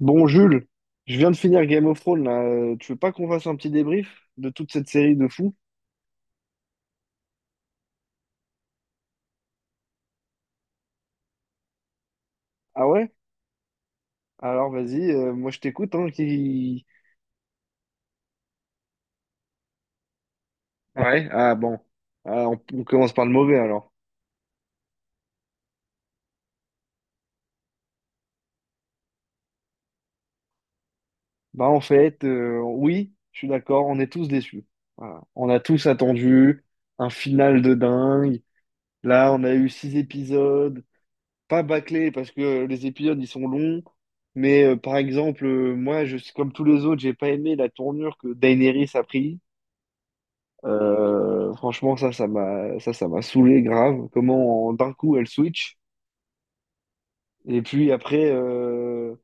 Bon, Jules, je viens de finir Game of Thrones, là. Tu veux pas qu'on fasse un petit débrief de toute cette série de fous? Ah ouais? Alors vas-y, moi je t'écoute, hein, qui... Ouais, ah bon. Ah, on commence par le mauvais, alors. Bah en fait, oui, je suis d'accord, on est tous déçus. Voilà. On a tous attendu un final de dingue. Là, on a eu six épisodes, pas bâclés, parce que les épisodes, ils sont longs. Mais par exemple, moi, comme tous les autres, j'ai pas aimé la tournure que Daenerys a pris. Franchement, ça m'a saoulé grave. D'un coup elle switch. Et puis après, euh,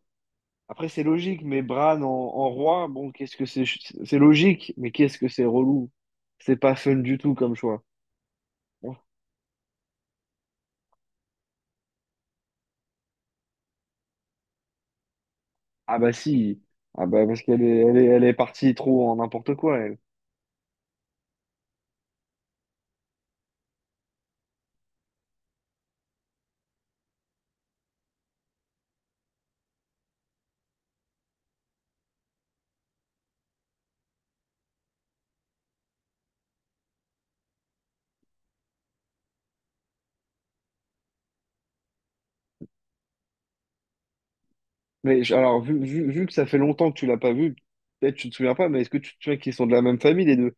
après c'est logique, mais Bran en roi, bon, qu'est-ce que c'est, c'est logique, mais qu'est-ce que c'est relou. C'est pas fun du tout comme choix. Ah bah si, ah bah parce qu'elle elle est partie trop en n'importe quoi, elle. Alors, vu que ça fait longtemps que tu l'as pas vu, peut-être tu te souviens pas, mais est-ce que tu te souviens qu'ils sont de la même famille, les deux?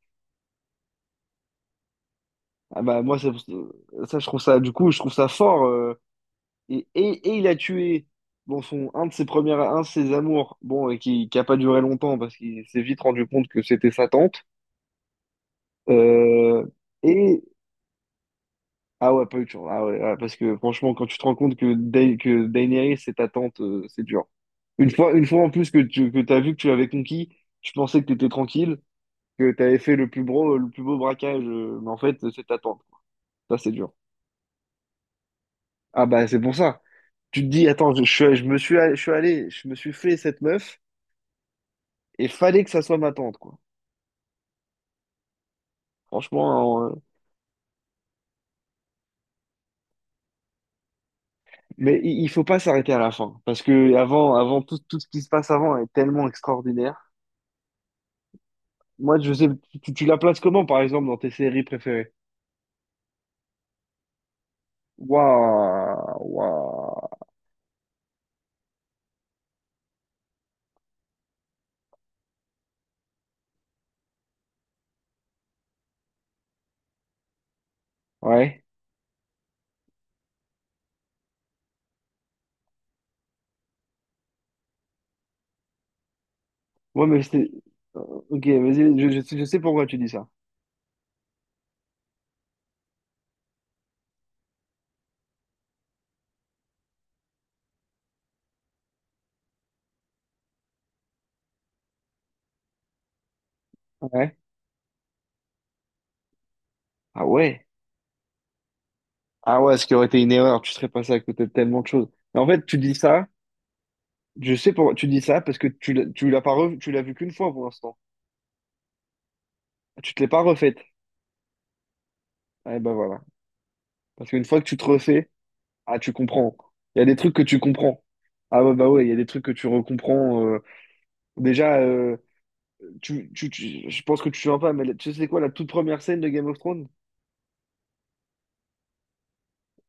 Ah bah moi, je trouve ça, du coup, je trouve ça fort. Et il a tué bon, son, un de ses premières, un de ses amours, bon, et qui a pas duré longtemps parce qu'il s'est vite rendu compte que c'était sa tante. Euh, et ah ouais, pas eu de chance. Ah ouais, ouais, parce que franchement, quand tu te rends compte que, que Daenerys c'est ta tante, c'est dur. Une fois en plus que tu que t'as vu que tu l'avais conquis, tu pensais que t'étais tranquille, que t'avais fait le plus beau braquage, mais en fait, c'est ta tante. Ça, c'est dur. Ah bah c'est pour ça. Tu te dis, attends, je suis allé, je me suis fait cette meuf. Et fallait que ça soit ma tante, quoi. Franchement, mais il faut pas s'arrêter à la fin. Parce que avant, tout ce qui se passe avant est tellement extraordinaire. Moi, je sais, tu la places comment, par exemple, dans tes séries préférées? Waouh, waouh. Ouais. Ouais, mais c'était. euh, Ok, vas-y, je sais pourquoi tu dis ça. Ouais. Ah ouais. Ah ouais, ce qui aurait été une erreur, tu serais passé à côté de tellement de choses. Mais en fait, tu dis ça, je sais pourquoi tu dis ça, parce que tu l'as pas revu, tu l'as vu qu'une fois pour l'instant. Tu te l'es pas refaite. Eh ben voilà. Parce qu'une fois que tu te refais, ah, tu comprends. Il y a des trucs que tu comprends. Ah ouais, bah ouais, il y a des trucs que tu recomprends. Déjà, je pense que tu vois pas, mais tu sais quoi, la toute première scène de Game of Thrones?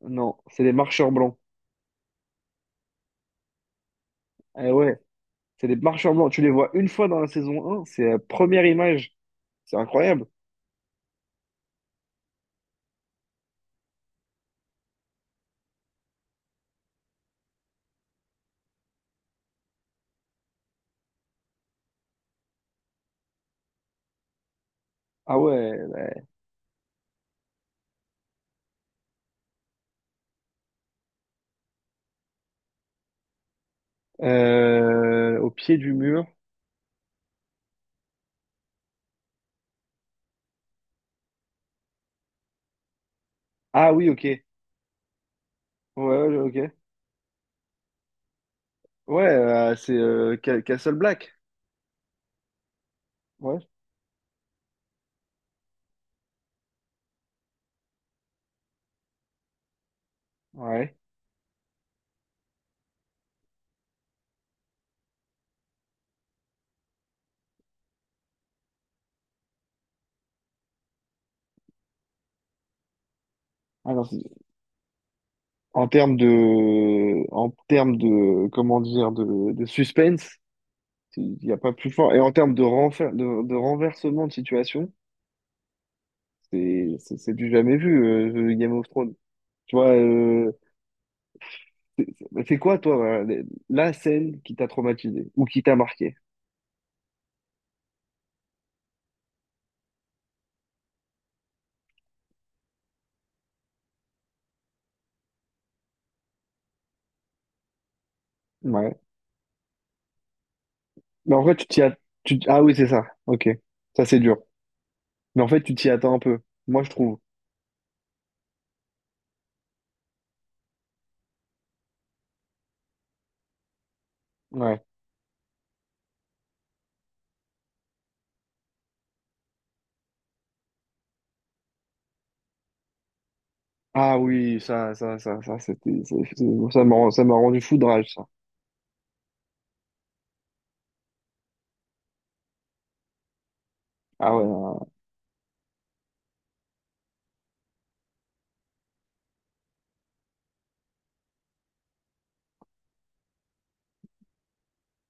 Non, c'est les marcheurs blancs. Eh ouais, c'est les marcheurs blancs. Tu les vois une fois dans la saison 1, c'est la première image. C'est incroyable. Ah ouais, au pied du mur. Ah oui, ok. Ouais, ouais, ok. Ouais, Castle Black. Ouais, ouais. Ah non, en termes de, comment dire, de suspense, il n'y a pas plus fort. Et en termes de, de renversement de situation, c'est du jamais vu, Game of Thrones. Tu vois, c'est quoi, toi, voilà, la scène qui t'a traumatisé ou qui t'a marqué? Ouais. Mais en fait, tu t'y as, tu- Ah oui, c'est ça. Ok. Ça, c'est dur. Mais en fait, tu t'y attends un peu. Moi, je trouve. Ouais. Ah oui, c'était, ça m'a rendu fou de rage, ça. Ah ouais.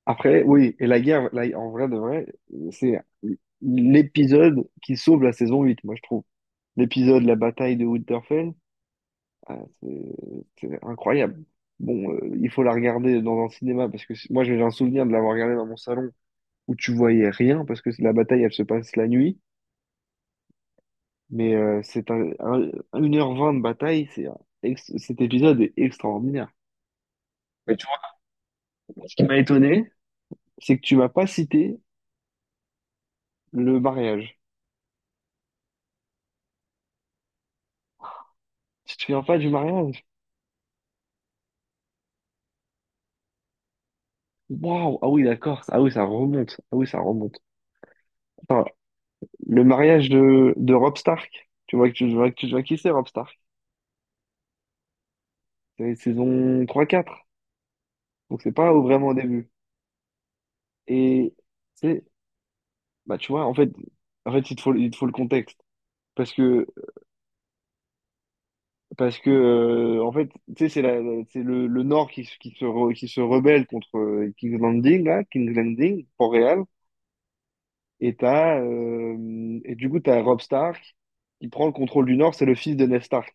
Après, oui, et la guerre, en vrai de vrai, c'est l'épisode qui sauve la saison 8, moi je trouve. L'épisode, la bataille de Winterfell, ah, c'est incroyable. Bon, il faut la regarder dans un cinéma parce que moi j'ai un souvenir de l'avoir regardée dans mon salon où tu voyais rien parce que la bataille elle se passe la nuit, mais 1 h 20 de bataille, cet épisode est extraordinaire. Mais tu vois, ce qui m'a étonné, c'est que tu m'as pas cité le mariage. Si, tu te souviens pas du mariage? Waouh! Ah oui, d'accord. Ah oui, ça remonte. Attends, le mariage de Robb Stark. Tu vois que tu vois qui c'est Robb Stark? C'est saison trois quatre. Donc c'est pas au- vraiment au début. Et c'est bah Tu vois en fait, il te faut, le contexte. Parce que parce que En fait tu sais c'est c'est le Nord qui, qui se rebelle contre King's Landing là, King's Landing Port-Réal. Et t'as et du coup t'as Robb Stark qui prend le contrôle du Nord, c'est le fils de Ned Stark.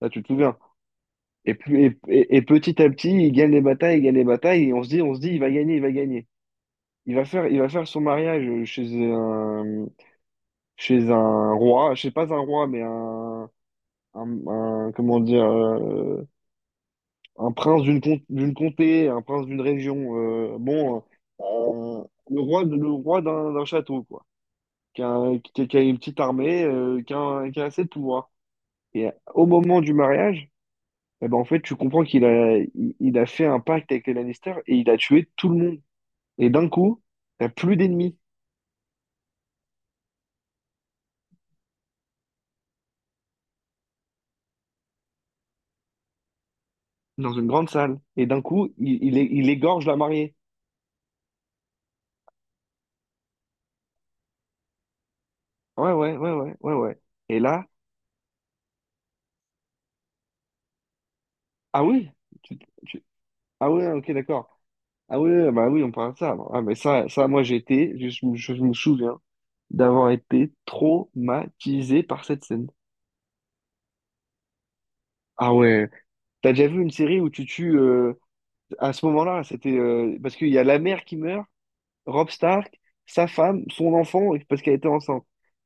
Là, tu te souviens. Et, et petit à petit, il gagne les batailles, et on se dit, il va gagner. Il va faire son mariage chez un, chez un roi, je sais pas un roi, mais comment dire, un prince d'une comté, un prince d'une région. Euh, le roi, le roi d'un château, quoi. Qui a une petite armée, qui a assez de pouvoir. Et au moment du mariage, eh ben, en fait, tu comprends qu'il a fait un pacte avec les Lannister et il a tué tout le monde. Et d'un coup, t'as plus d'ennemis dans une grande salle. Et d'un coup, il égorge la mariée. Ouais. Et là, ah oui, tu- tu- ah ouais, ok, d'accord. Ah oui, oui, bah oui, on parle de ça. Ah, mais ça, moi, j'ai été, je me souviens d'avoir été traumatisé par cette scène. Ah ouais, t'as déjà vu une série où tu tues à ce moment-là, c'était parce qu'il y a la mère qui meurt, Rob Stark, sa femme, son enfant, et parce qu'elle était enceinte.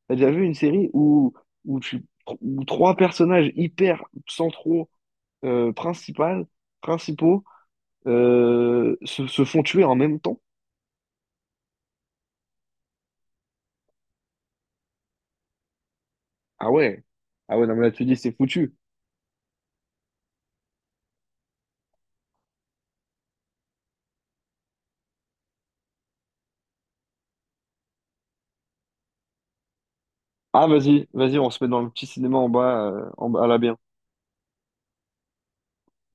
T'as déjà vu une série où, tu- où trois personnages hyper centraux, euh, principal- principaux, se, se font tuer en même temps? Ah ouais. Ah ouais, non, mais là, tu dis, c'est foutu. Ah, vas-y, vas-y, on se met dans le petit cinéma en bas, à la bien.